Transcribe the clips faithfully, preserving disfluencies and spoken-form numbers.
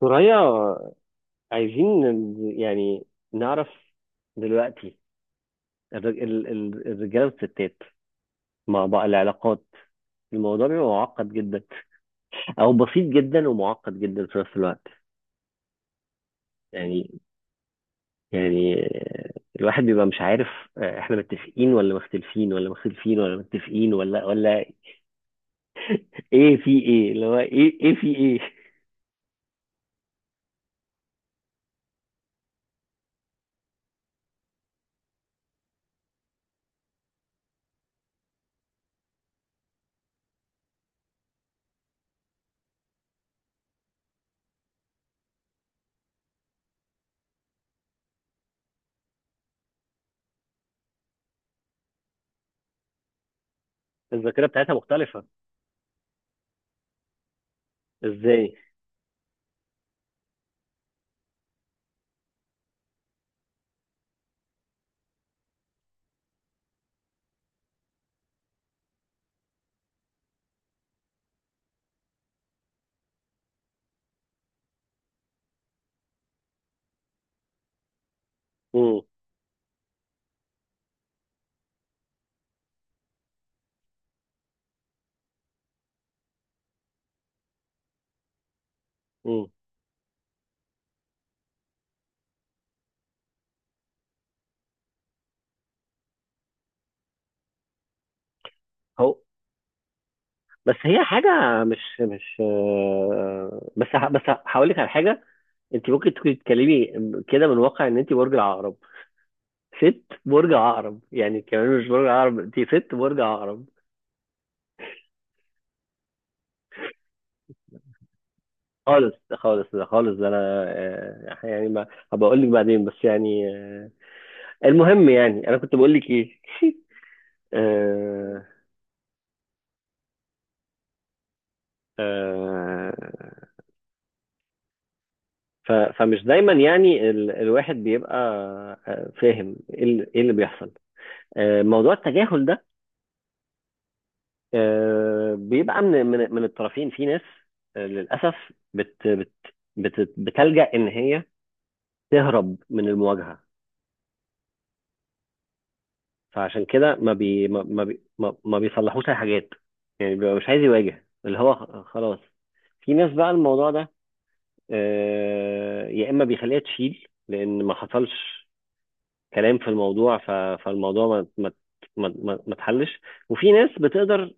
ثريا، عايزين يعني نعرف دلوقتي الر- ال- ال- الرجاله والستات مع بعض العلاقات. الموضوع بيبقى معقد جدا او بسيط جدا ومعقد جدا في نفس الوقت. يعني يعني الواحد بيبقى مش عارف، آه، احنا متفقين ولا مختلفين ولا مختلفين ولا متفقين ولا ولا ايه، في ايه اللي هو ايه ايه في ايه. الذاكره بتاعتها مختلفه؟ ازاي؟ امم امم بس هي حاجة مش مش آه، بس ه- بس هقول لك على حاجة. انت ممكن تكوني تتكلمي كده من واقع ان انت برج العقرب، ست برج عقرب، يعني كمان مش برج عقرب، انت ست برج عقرب. خالص خالص، ده خالص ده انا، آه، يعني ما هبقى اقول لك بعدين، بس يعني آه، المهم، يعني انا كنت بقول لك ايه؟ آه، آه، ف- فمش دايما يعني ال- الواحد بيبقى آه، فاهم ايه اللي إيه اللي بيحصل. آه، موضوع التجاهل ده آه، بيبقى من من من الطرفين. في ناس آه، للاسف بت بت بت بتلجأ ان هي تهرب من المواجهه، فعشان كده ما بي ما ما بي ما ما بيصلحوش اي حاجات. يعني بيبقى مش عايز يواجه اللي هو خ- خلاص. في ناس بقى الموضوع ده آه، يا اما بيخليها تشيل لان ما حصلش كلام في الموضوع، ف- فالموضوع ما ما ما ما ما اتحلش. وفي ناس بتقدر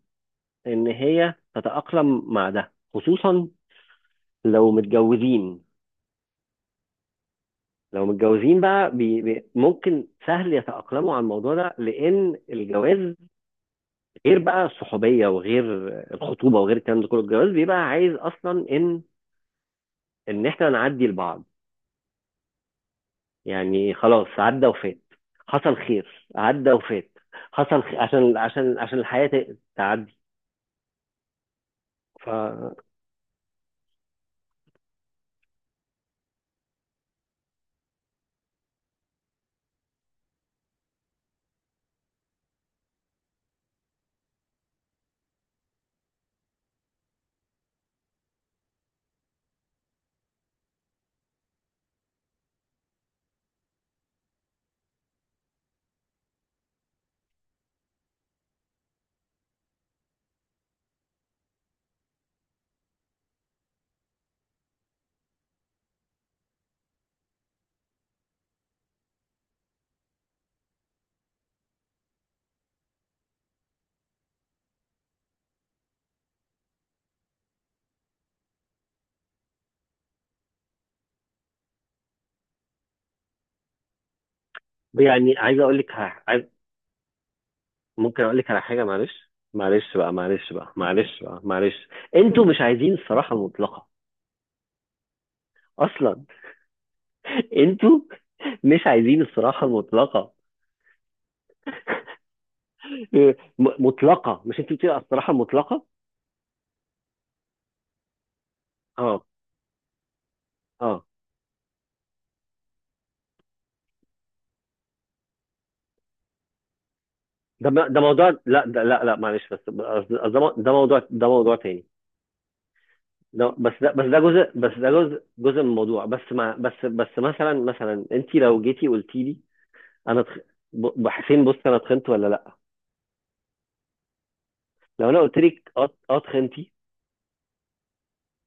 ان هي تتأقلم مع ده، خصوصا لو متجوزين. لو متجوزين بقى بي بي ممكن سهل يتأقلموا على الموضوع ده، لأن الجواز غير بقى الصحوبية، وغير الخطوبة، وغير الكلام ده كله. الجواز بيبقى عايز أصلا إن إن إحنا نعدي لبعض. يعني خلاص عدى وفات، حصل خير عدى وفات، حصل خير، عشان عشان عشان الحياة ت- تعدي. ف يعني عايز أقول لك، ح- عايز ممكن أقول لك على حاجة. معلش معلش بقى معلش بقى معلش بقى معلش، انتوا مش عايزين الصراحة المطلقة اصلا. انتوا مش عايزين الصراحة المطلقة. م- مطلقة، مش انت بتقولي الصراحة المطلقة؟ اه، اه. ده م- ده موضوع، لا، ده لا لا، معلش، بس بس ده مو- ده موضوع ده موضوع تاني. ده بس ده بس ده جزء بس ده جزء جزء من الموضوع، بس مع بس بس مثلا مثلا انت لو جيتي قلتي لي انا تخ... ب- ب- حسين بص، انا اتخنت ولا لا؟ لو انا قلت لك اه اه اتخنتي،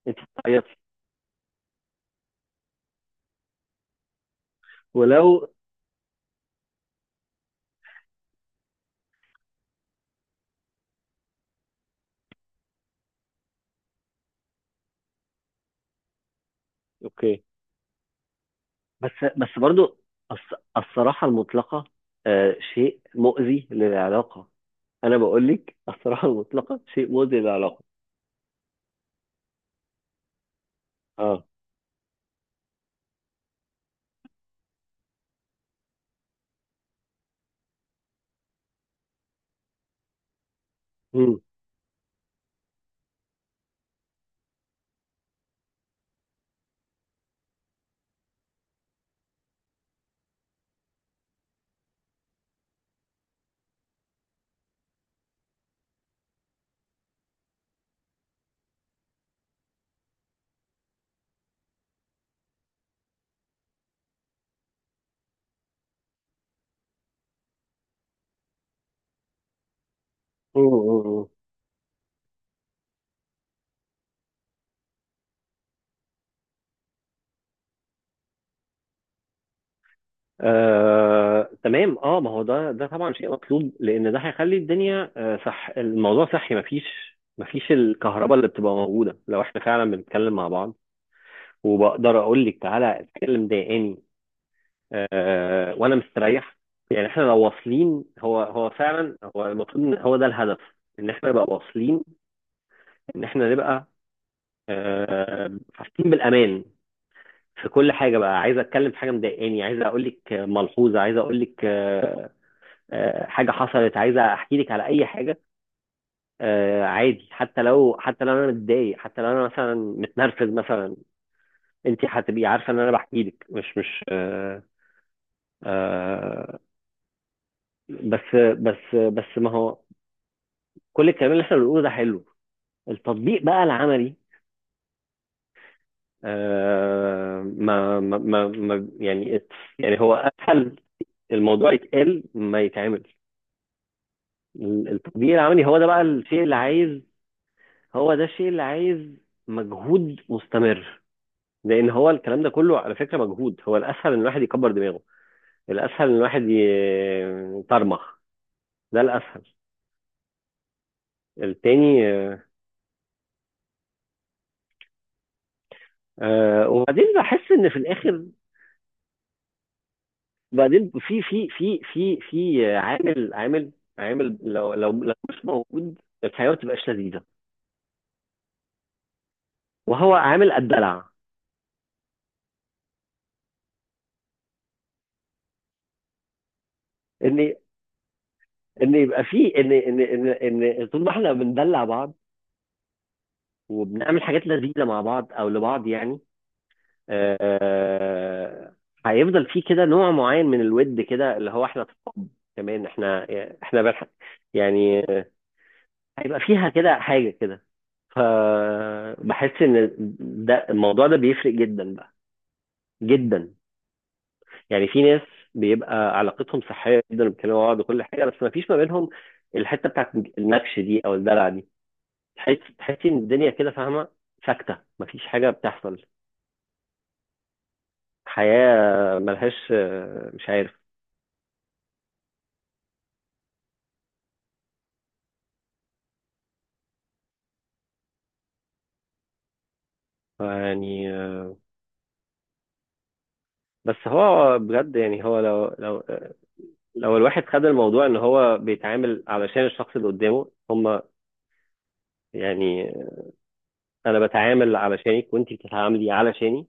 انت بتعيطي، ولو اوكي. بس بس برضو، الص- الصراحة المطلقة آه، شيء مؤذي للعلاقة. انا بقول لك الصراحه المطلقه شيء مؤذي للعلاقه. اه. مم. مم. مم. آه، تمام. اه، ما هو ده، ده طبعا شيء مطلوب لان ده هيخلي الدنيا آه، صح. الموضوع صحي. مفيش مفيش الكهرباء اللي بتبقى موجوده لو احنا فعلا بنتكلم مع بعض، وبقدر اقول لك تعالى اتكلم ضايقاني آه، وانا مستريح. يعني احنا لو واصلين، هو هو فعلا هو المفروض ان هو ده الهدف، ان احنا نبقى واصلين، ان احنا نبقى آه، حاسين بالامان في كل حاجه. بقى عايز اتكلم في حاجه مضايقاني، عايز اقول لك ملحوظه، عايز اقول لك آه، آه، حاجه حصلت، عايز احكي لك على اي حاجه آه، عادي. حتى لو، حتى لو انا متضايق، حتى لو انا مثلا متنرفز مثلا، انت هتبقي عارفه ان انا بحكي لك مش مش آه، آه، بس بس بس ما هو كل الكلام اللي احنا بنقوله ده حلو، التطبيق بقى العملي آه، ما ما ما ما- يعني يعني هو اسهل الموضوع يتقال ما يتعمل. ال- التطبيق العملي هو ده بقى الشيء اللي عايز، هو ده الشيء اللي عايز مجهود مستمر. لان هو الكلام ده كله على فكره مجهود. هو الاسهل ان الواحد يكبر دماغه، الاسهل ان الواحد يطرمخ، ده الاسهل. التاني آه، وبعدين بحس ان في الاخر بعدين في في في في في عامل، عامل عامل لو لو لو مش موجود الحياه ما تبقاش لذيذه، وهو عامل الدلع. ان ان يبقى في، ان ان ان ان طول ما احنا بندلع بعض وبنعمل حاجات لذيذه مع بعض او لبعض، يعني آه، هيفضل في كده نوع معين من الود كده، اللي هو احنا صحاب، كمان احنا، احنا بنح- يعني آه، هيبقى فيها كده حاجه كده. فبحس ان ده الموضوع ده بيفرق جدا بقى، جدا. يعني في ناس بيبقى علاقتهم صحيه جدا، بيتكلموا مع بعض وكل حاجه، بس ما فيش ما بينهم الحته بتاعت النكش دي او الدلع دي. تحس تحسي ان الدنيا كده فاهمه ساكته، مفيش حاجه بتحصل، حياة ملهاش. مش عارف. يعني بس هو بجد، يعني هو لو لو لو الواحد خد الموضوع ان هو بيتعامل علشان الشخص اللي قدامه، هما يعني، انا بتعامل علشانك وانتي بتتعاملي علشاني،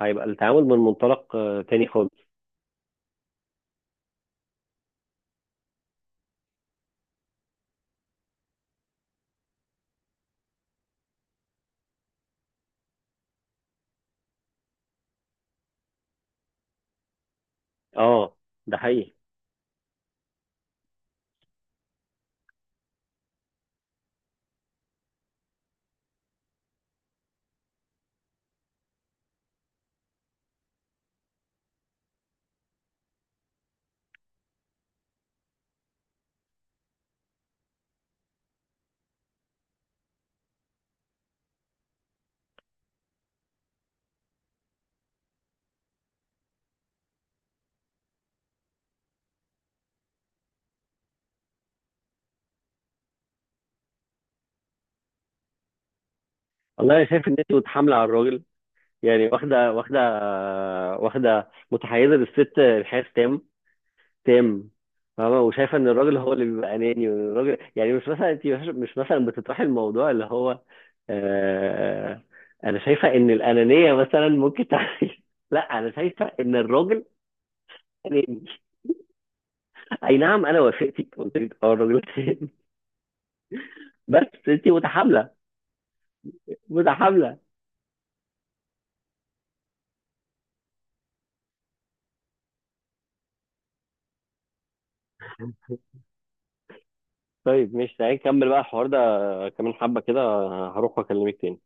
هيبقى التعامل من منطلق آه، تاني خالص. اه ده حقيقي. والله انا شايف ان انت متحامله على الراجل يعني، واخده واخده واخده متحيزه للست. الحياه تام، تام. فاهمة وشايفة ان الراجل هو اللي بيبقى اناني، وان الراجل يعني مش مثلا، انت مش مش مثلا بتطرحي الموضوع اللي هو آه انا شايفة ان الانانية مثلا ممكن تعمل، لا انا شايفة ان الراجل اناني. اي نعم، انا وافقتك، قلت لك اه الراجل اناني، بس انت متحاملة متحاملة. طيب ماشي، تعالى نكمل بقى الحوار ده كمان حبة كده. هروح واكلمك تاني.